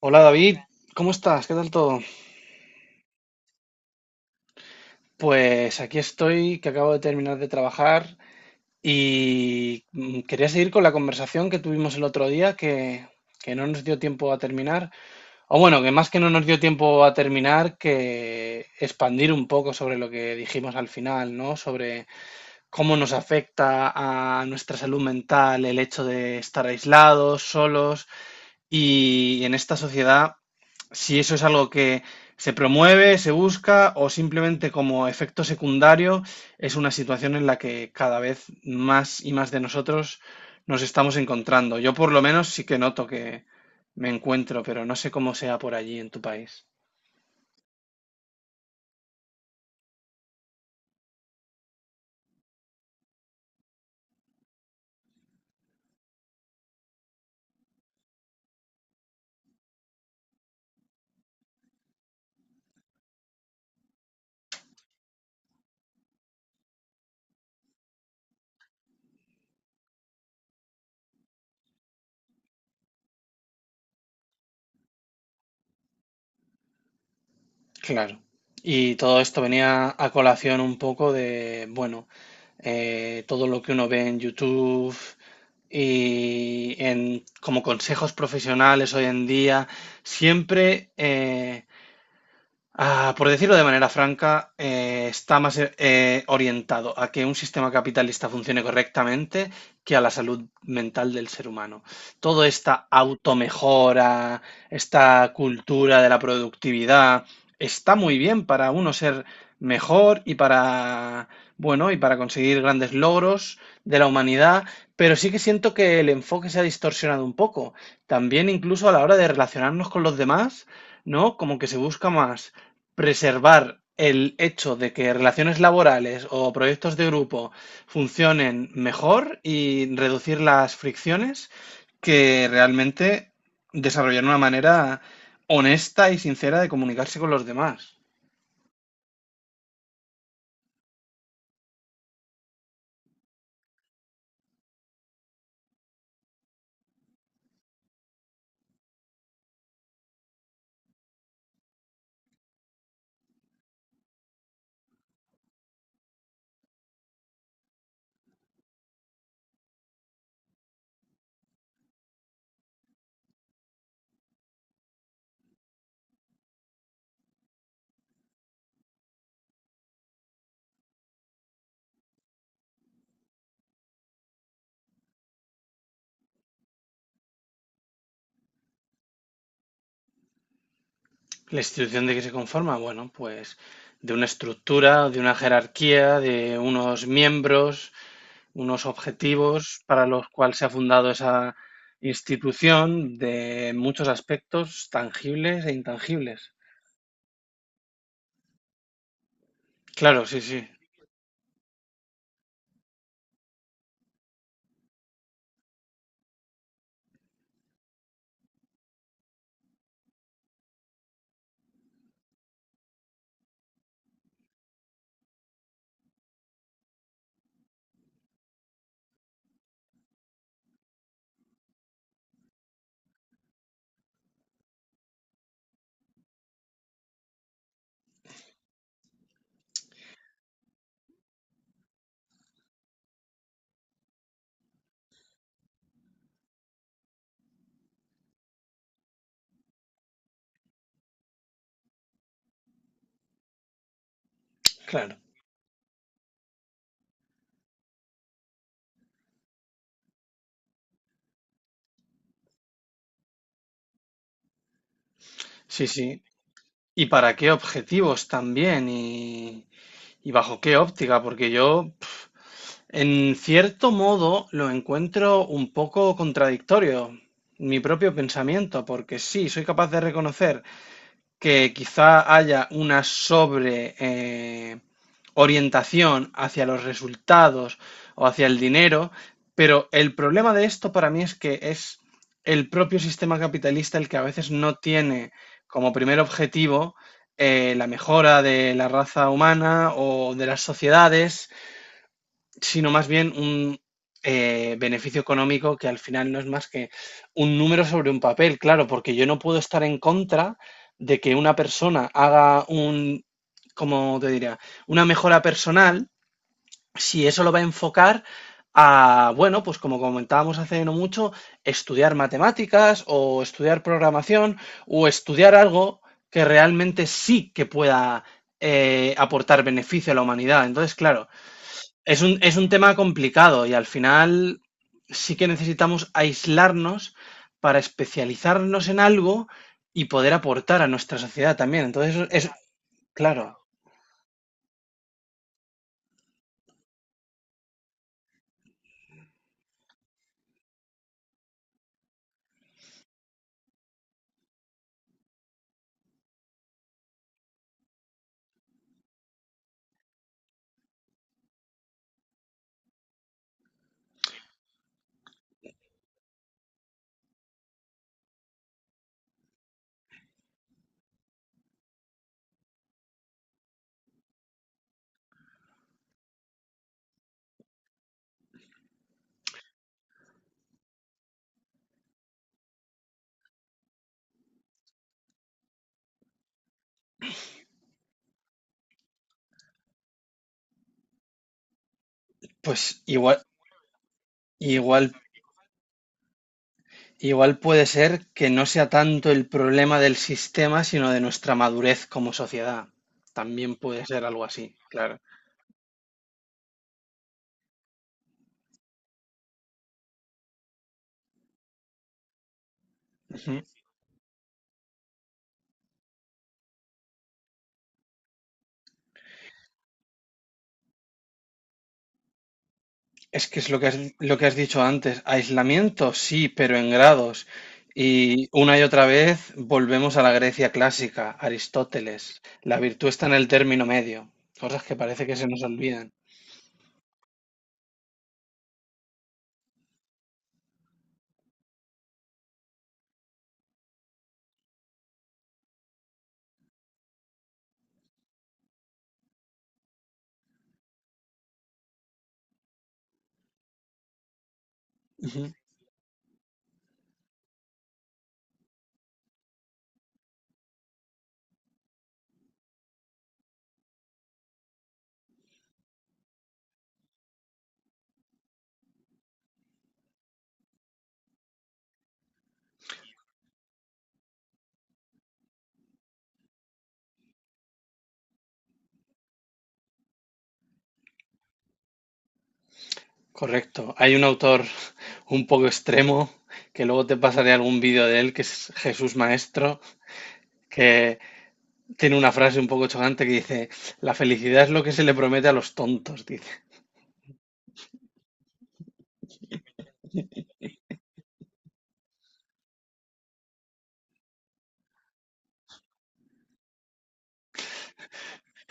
Hola David, ¿cómo estás? ¿Qué tal todo? Pues aquí estoy, que acabo de terminar de trabajar y quería seguir con la conversación que tuvimos el otro día, que no nos dio tiempo a terminar. O bueno, que más que no nos dio tiempo a terminar, que expandir un poco sobre lo que dijimos al final, ¿no? Sobre cómo nos afecta a nuestra salud mental el hecho de estar aislados, solos y en esta sociedad, si eso es algo que se promueve, se busca o simplemente como efecto secundario, es una situación en la que cada vez más y más de nosotros nos estamos encontrando. Yo por lo menos sí que noto que me encuentro, pero no sé cómo sea por allí en tu país. Claro. Y todo esto venía a colación un poco de, bueno, todo lo que uno ve en YouTube y en como consejos profesionales hoy en día, siempre por decirlo de manera franca, está más orientado a que un sistema capitalista funcione correctamente que a la salud mental del ser humano. Toda esta automejora, esta cultura de la productividad, está muy bien para uno ser mejor y para, bueno, y para conseguir grandes logros de la humanidad, pero sí que siento que el enfoque se ha distorsionado un poco. También incluso a la hora de relacionarnos con los demás, ¿no? Como que se busca más preservar el hecho de que relaciones laborales o proyectos de grupo funcionen mejor y reducir las fricciones que realmente desarrollar una manera honesta y sincera de comunicarse con los demás. La institución de que se conforma, bueno, pues de una estructura, de una jerarquía, de unos miembros, unos objetivos para los cuales se ha fundado esa institución de muchos aspectos tangibles e intangibles. Claro, sí, sí, claro, sí, sí. ¿Y para qué objetivos también? ¿Y bajo qué óptica? Porque yo, pf, en cierto modo, lo encuentro un poco contradictorio, mi propio pensamiento, porque sí, soy capaz de reconocer que quizá haya una sobre orientación hacia los resultados o hacia el dinero, pero el problema de esto para mí es que es el propio sistema capitalista el que a veces no tiene como primer objetivo la mejora de la raza humana o de las sociedades, sino más bien un beneficio económico que al final no es más que un número sobre un papel, claro, porque yo no puedo estar en contra de que una persona haga un, como te diría, una mejora personal si eso lo va a enfocar a, bueno, pues como comentábamos hace no mucho, estudiar matemáticas o estudiar programación o estudiar algo que realmente sí que pueda aportar beneficio a la humanidad. Entonces, claro, es un tema complicado y al final sí que necesitamos aislarnos para especializarnos en algo y poder aportar a nuestra sociedad también. Entonces, eso es claro, pues igual, igual puede ser que no sea tanto el problema del sistema, sino de nuestra madurez como sociedad. También puede ser algo así, claro. Es que es lo que has, dicho antes, aislamiento sí, pero en grados. Y una y otra vez volvemos a la Grecia clásica, Aristóteles. La virtud está en el término medio, cosas que parece que se nos olvidan. Ujú. Correcto. Hay un autor un poco extremo, que luego te pasaré algún vídeo de él, que es Jesús Maestro, que tiene una frase un poco chocante que dice, la felicidad es lo que se le promete a los tontos, dice.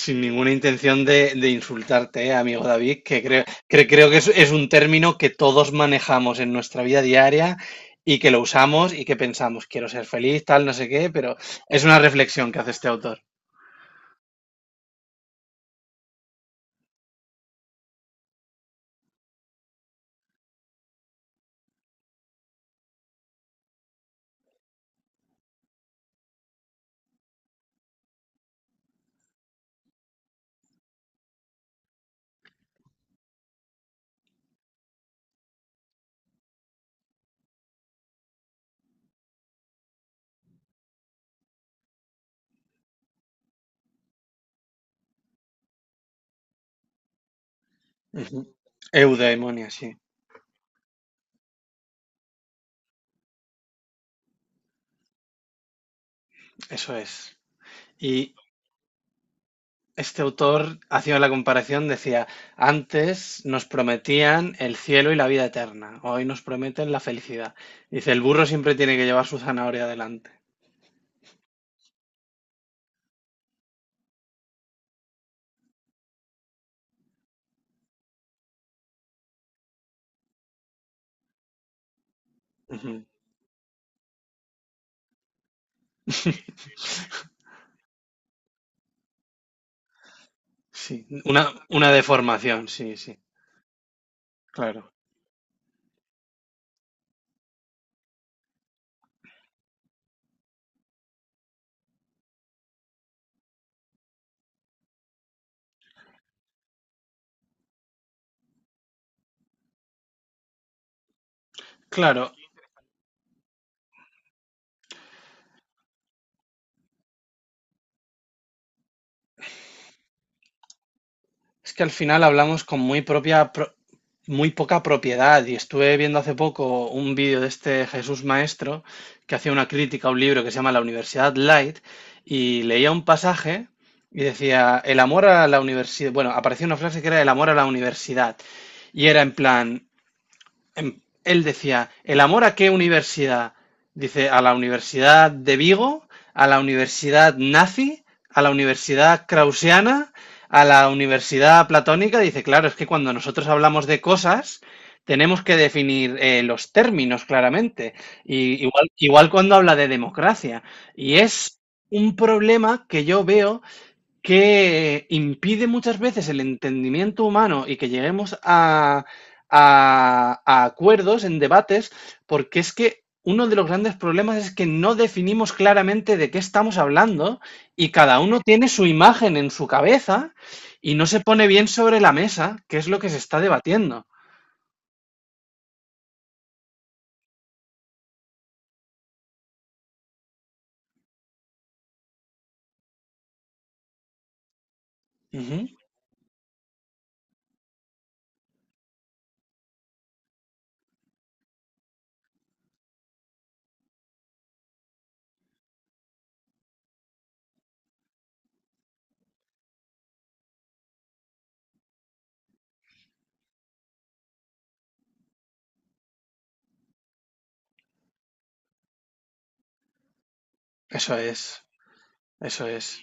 Sin ninguna intención de insultarte, amigo David, que creo, creo que es un término que todos manejamos en nuestra vida diaria y que lo usamos y que pensamos, quiero ser feliz, tal, no sé qué, pero es una reflexión que hace este autor. Ujú. Eudaimonia, sí, eso es. Y este autor, haciendo la comparación, decía, antes nos prometían el cielo y la vida eterna, hoy nos prometen la felicidad. Dice, el burro siempre tiene que llevar su zanahoria adelante. Ujú. Sí, una deformación, sí, sí, claro. Claro, es que al final hablamos con muy poca propiedad y estuve viendo hace poco un vídeo de este Jesús Maestro que hacía una crítica a un libro que se llama La Universidad Light y leía un pasaje y decía, el amor a la universidad, bueno, aparecía una frase que era el amor a la universidad y era en plan, él decía, ¿el amor a qué universidad? Dice, a la Universidad de Vigo, a la Universidad nazi, a la Universidad krausiana, a la Universidad platónica. Dice, claro, es que cuando nosotros hablamos de cosas, tenemos que definir los términos claramente. Y igual cuando habla de democracia. Y es un problema que yo veo que impide muchas veces el entendimiento humano y que lleguemos a, a acuerdos en debates, porque es que uno de los grandes problemas es que no definimos claramente de qué estamos hablando y cada uno tiene su imagen en su cabeza y no se pone bien sobre la mesa qué es lo que se está debatiendo. Ujú. Eso es, eso es.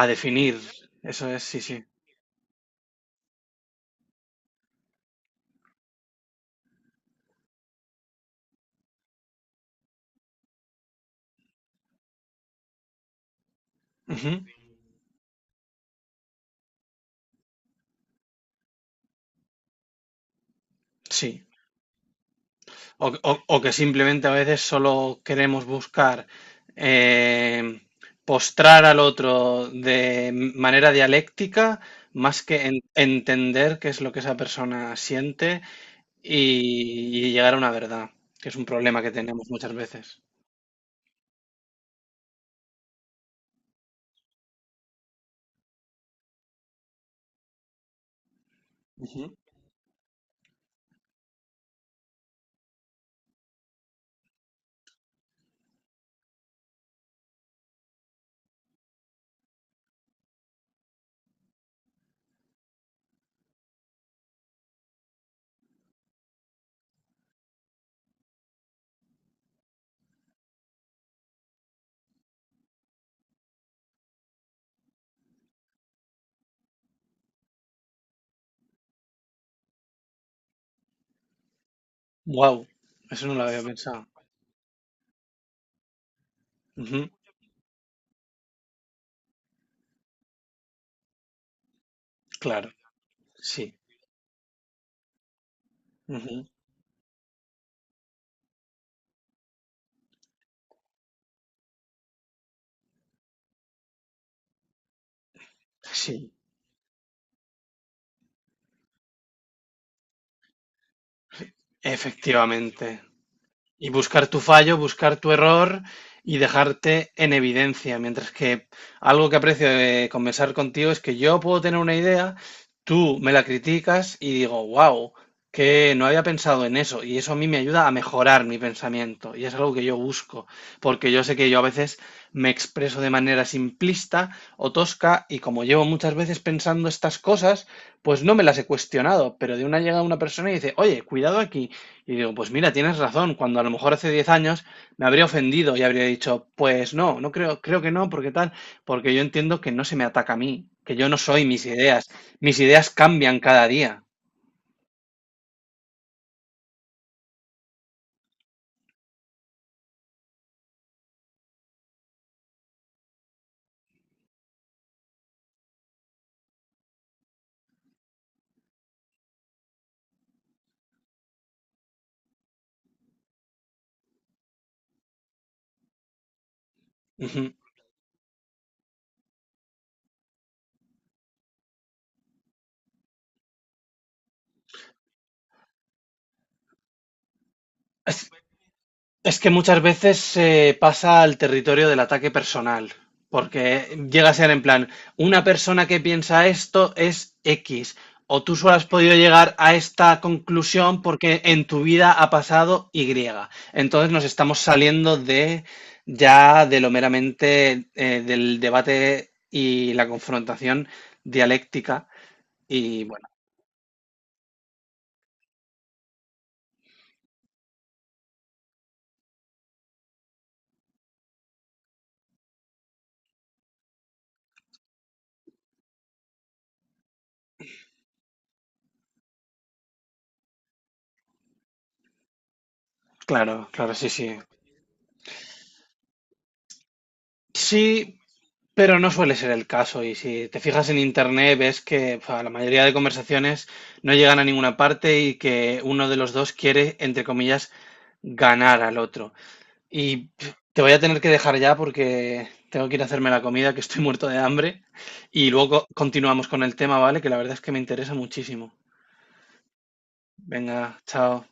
A definir, eso es, sí, sí. Ujú. Sí. O, o que simplemente a veces solo queremos buscar eh, postrar al otro de manera dialéctica más que entender qué es lo que esa persona siente y llegar a una verdad, que es un problema que tenemos muchas veces. Ujú. Wow, eso no lo había pensado. Ujú, claro, sí, ujú, sí, efectivamente. Y buscar tu fallo, buscar tu error y dejarte en evidencia. Mientras que algo que aprecio de conversar contigo es que yo puedo tener una idea, tú me la criticas y digo, wow, que no había pensado en eso. Y eso a mí me ayuda a mejorar mi pensamiento. Y es algo que yo busco, porque yo sé que yo a veces me expreso de manera simplista o tosca y como llevo muchas veces pensando estas cosas, pues no me las he cuestionado. Pero de una llega una persona y dice, oye, cuidado aquí. Y digo, pues mira, tienes razón, cuando a lo mejor hace 10 años me habría ofendido y habría dicho, pues no, no creo, creo que no, porque tal, porque yo entiendo que no se me ataca a mí, que yo no soy mis ideas cambian cada día. Ujú. Es que muchas veces se pasa al territorio del ataque personal, porque llega a ser en plan, una persona que piensa esto es X, o tú solo has podido llegar a esta conclusión porque en tu vida ha pasado Y. Entonces nos estamos saliendo de ya de lo meramente del debate y la confrontación dialéctica. Y bueno, claro, claro, sí, sí. Sí, pero no suele ser el caso y si te fijas en internet ves que la mayoría de conversaciones no llegan a ninguna parte y que uno de los dos quiere, entre comillas, ganar al otro. Y pf, te voy a tener que dejar ya porque tengo que ir a hacerme la comida, que estoy muerto de hambre, y luego continuamos con el tema, ¿vale? Que la verdad es que me interesa muchísimo. Venga, chao.